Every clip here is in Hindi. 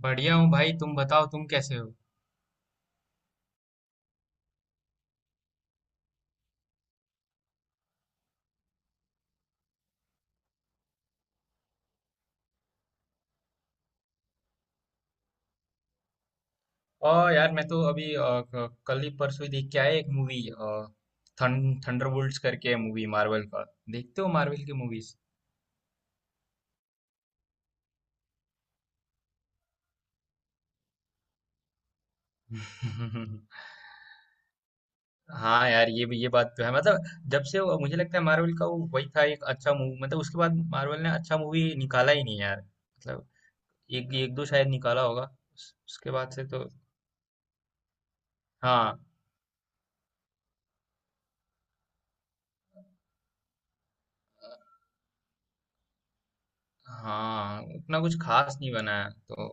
बढ़िया हूँ भाई। तुम बताओ तुम कैसे हो। और यार मैं तो अभी कल ही परसों ही देख के आया एक मूवी। थंडरबोल्ट्स करके है मूवी मार्वल का। देखते हो मार्वल की मूवीज? हाँ यार, ये भी ये बात तो है मतलब। जब से मुझे लगता है मार्वल का वो वही था एक अच्छा मूवी। मतलब उसके बाद मार्वल ने अच्छा मूवी निकाला ही नहीं यार मतलब। एक एक दो शायद निकाला होगा। उसके बाद से तो। हाँ हाँ, उतना कुछ खास नहीं बना है तो।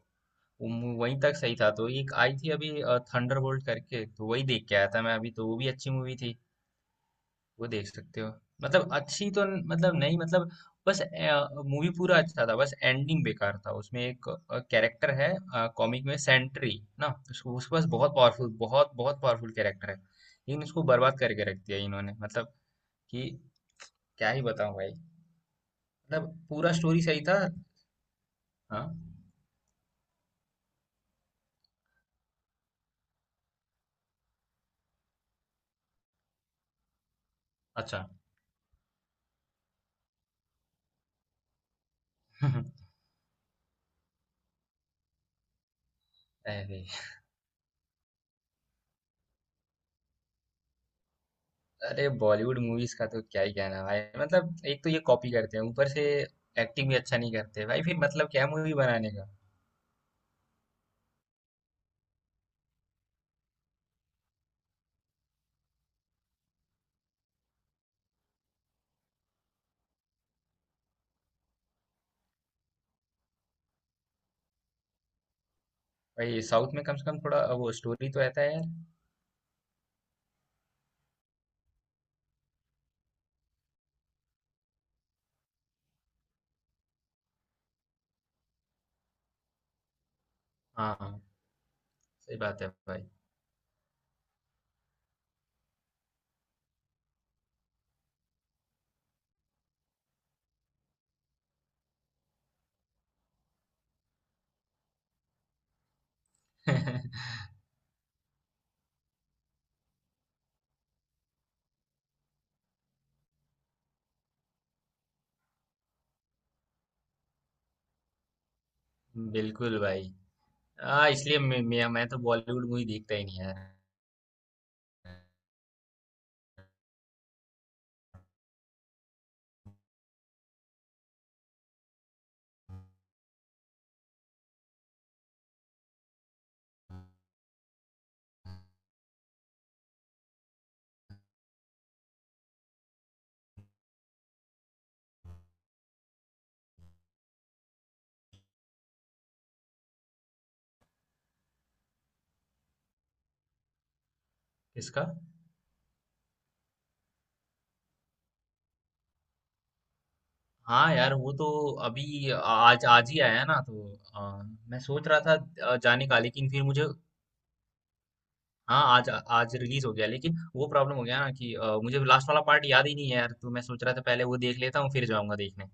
वो वहीं तक सही था तो। एक आई थी अभी थंडरबोल्ट करके, तो वही देख के आया था मैं अभी, तो वो भी अच्छी मूवी थी। वो देख सकते हो। मतलब अच्छी तो मतलब नहीं मतलब। बस। मूवी पूरा अच्छा था, बस एंडिंग बेकार था। उसमें एक कैरेक्टर है कॉमिक में, सेंट्री ना, उसको उसके पास बहुत पावरफुल, बहुत बहुत पावरफुल कैरेक्टर है, लेकिन उसको बर्बाद करके रख दिया इन्होंने मतलब कि, क्या ही बताऊं भाई। मतलब पूरा स्टोरी सही था। हाँ। अच्छा। अरे। अरे बॉलीवुड मूवीज का तो क्या ही कहना भाई। मतलब एक तो ये कॉपी करते हैं ऊपर से, एक्टिंग भी अच्छा नहीं करते भाई फिर। मतलब क्या मूवी बनाने का। भाई साउथ में कम से कम थोड़ा वो स्टोरी तो रहता है यार। हाँ हाँ। सही बात है भाई। बिल्कुल भाई। हाँ, इसलिए मैं तो बॉलीवुड मूवी देखता ही नहीं यार। किसका? हाँ यार, वो तो अभी आज आज ही आया ना, तो मैं सोच रहा था जाने का, लेकिन फिर मुझे। हाँ, आज आज रिलीज हो गया, लेकिन वो प्रॉब्लम हो गया ना कि मुझे लास्ट वाला पार्ट याद ही नहीं है यार। तो मैं सोच रहा था पहले वो देख लेता हूँ फिर जाऊंगा देखने।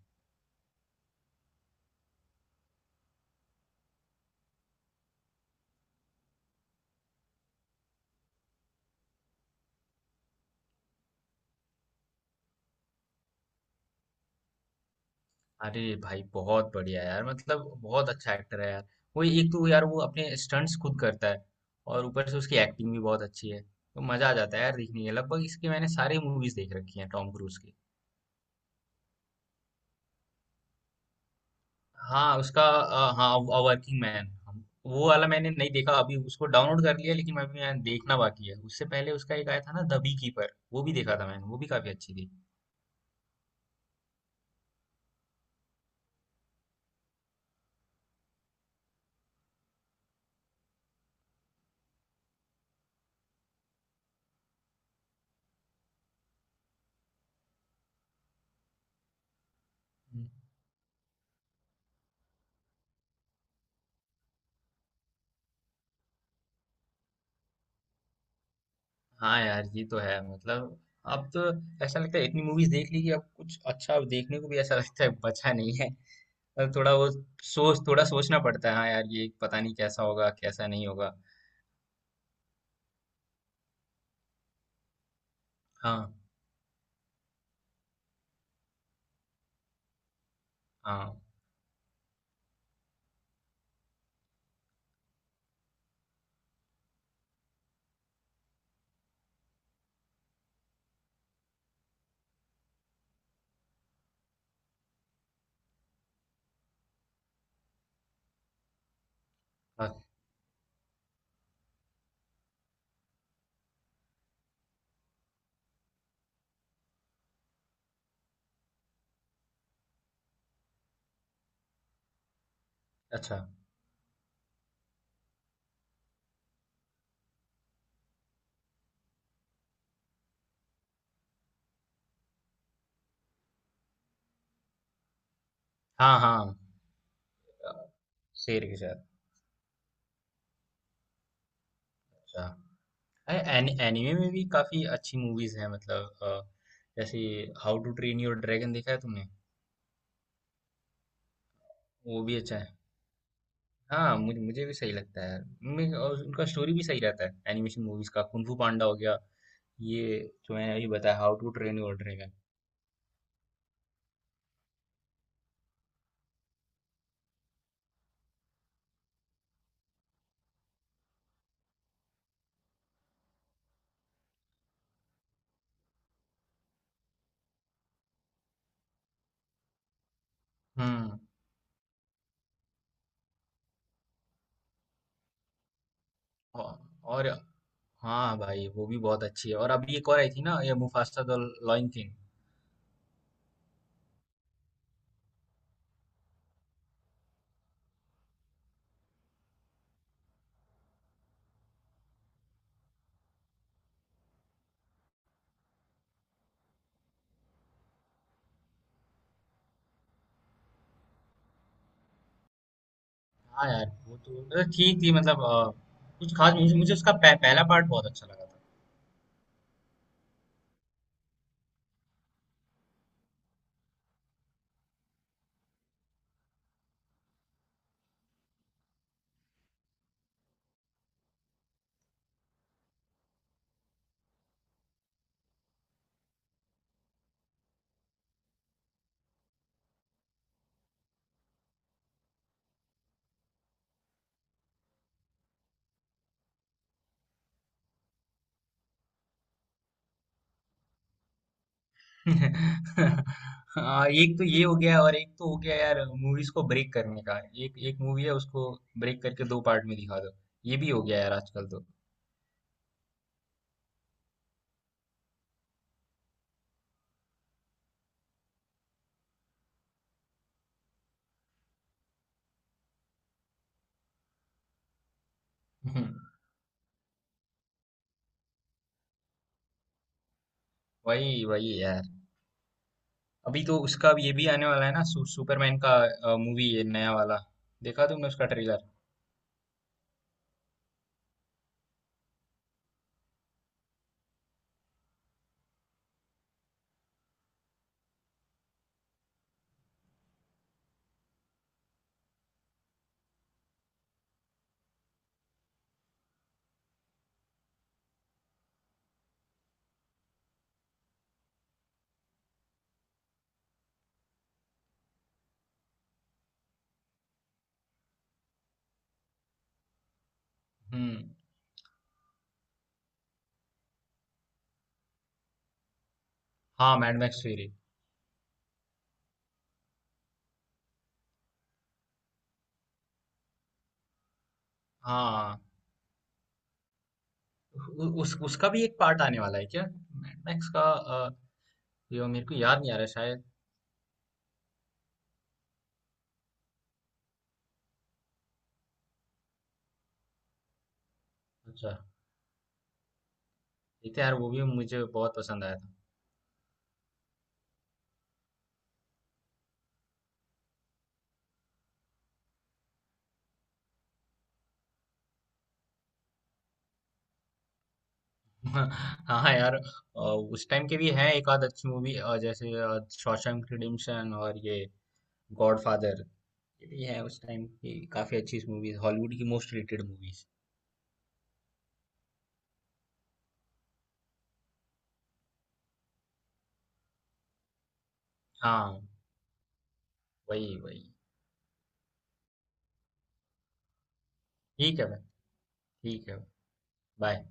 अरे भाई बहुत बढ़िया यार, मतलब बहुत अच्छा एक्टर है यार। वो एक तो यार वो अपने स्टंट्स खुद करता है, और ऊपर से उसकी एक्टिंग भी बहुत अच्छी है, तो मजा आ जाता है यार देखने में। लगभग इसकी मैंने सारी मूवीज देख रखी हैं टॉम क्रूज की। हाँ, उसका हाँ। Working man. वो वाला मैंने नहीं देखा, अभी उसको डाउनलोड कर लिया लेकिन अभी मैं देखना बाकी है। उससे पहले उसका एक आया था ना द बी कीपर, वो भी देखा था मैंने, वो भी काफी अच्छी थी। हाँ यार, ये तो है मतलब। अब तो ऐसा लगता है इतनी मूवीज देख ली कि अब कुछ अच्छा देखने को भी ऐसा लगता है बचा नहीं है। अब थोड़ा वो सोच थोड़ा सोचना पड़ता है। हाँ यार, ये पता नहीं कैसा होगा कैसा नहीं होगा। हाँ हाँ। हाँ, अच्छा। हाँ हाँ। शेर के साथ। अच्छा। एनिमे में भी काफी अच्छी मूवीज हैं मतलब जैसे How to Train Your Dragon, देखा है तुमने? वो भी अच्छा है। हाँ, मुझे मुझे भी सही लगता है। मैं और उनका स्टोरी भी सही रहता है एनिमेशन मूवीज का। कुंफू पांडा हो गया, ये जो मैंने अभी बताया How to Train Your Dragon. हम्म। औ- और, हाँ भाई वो भी बहुत अच्छी है। और अभी एक और आई थी ना, ये मुफासा द लॉयन किंग। हाँ यार वो तो मतलब ठीक थी, मतलब कुछ खास मुझे, उसका पहला पार्ट बहुत अच्छा लगा था। हाँ, एक तो ये हो गया और एक तो हो गया यार मूवीज को ब्रेक करने का। एक एक मूवी है उसको ब्रेक करके दो पार्ट में दिखा दो, ये भी हो गया यार आजकल तो। वही वही यार। अभी तो उसका ये भी आने वाला है ना, सुपरमैन का मूवी है नया वाला। देखा तुमने उसका ट्रेलर? हम्म। हाँ, मैड मैक्स फ्यूरी। हाँ, उस उसका भी एक पार्ट आने वाला है क्या मैड मैक्स का? ये मेरे को याद नहीं आ रहा शायद। अच्छा। देखते हैं यार, वो भी मुझे बहुत पसंद आया था। हाँ हाँ यार, उस टाइम के भी है एक आध अच्छी मूवी जैसे शॉशैंक रिडेम्पशन, और ये गॉडफादर, ये भी है उस टाइम की, काफी अच्छी मूवीज हॉलीवुड की, मोस्ट रेटेड मूवीज। हाँ। वही वही। ठीक है भाई। ठीक है। बाय।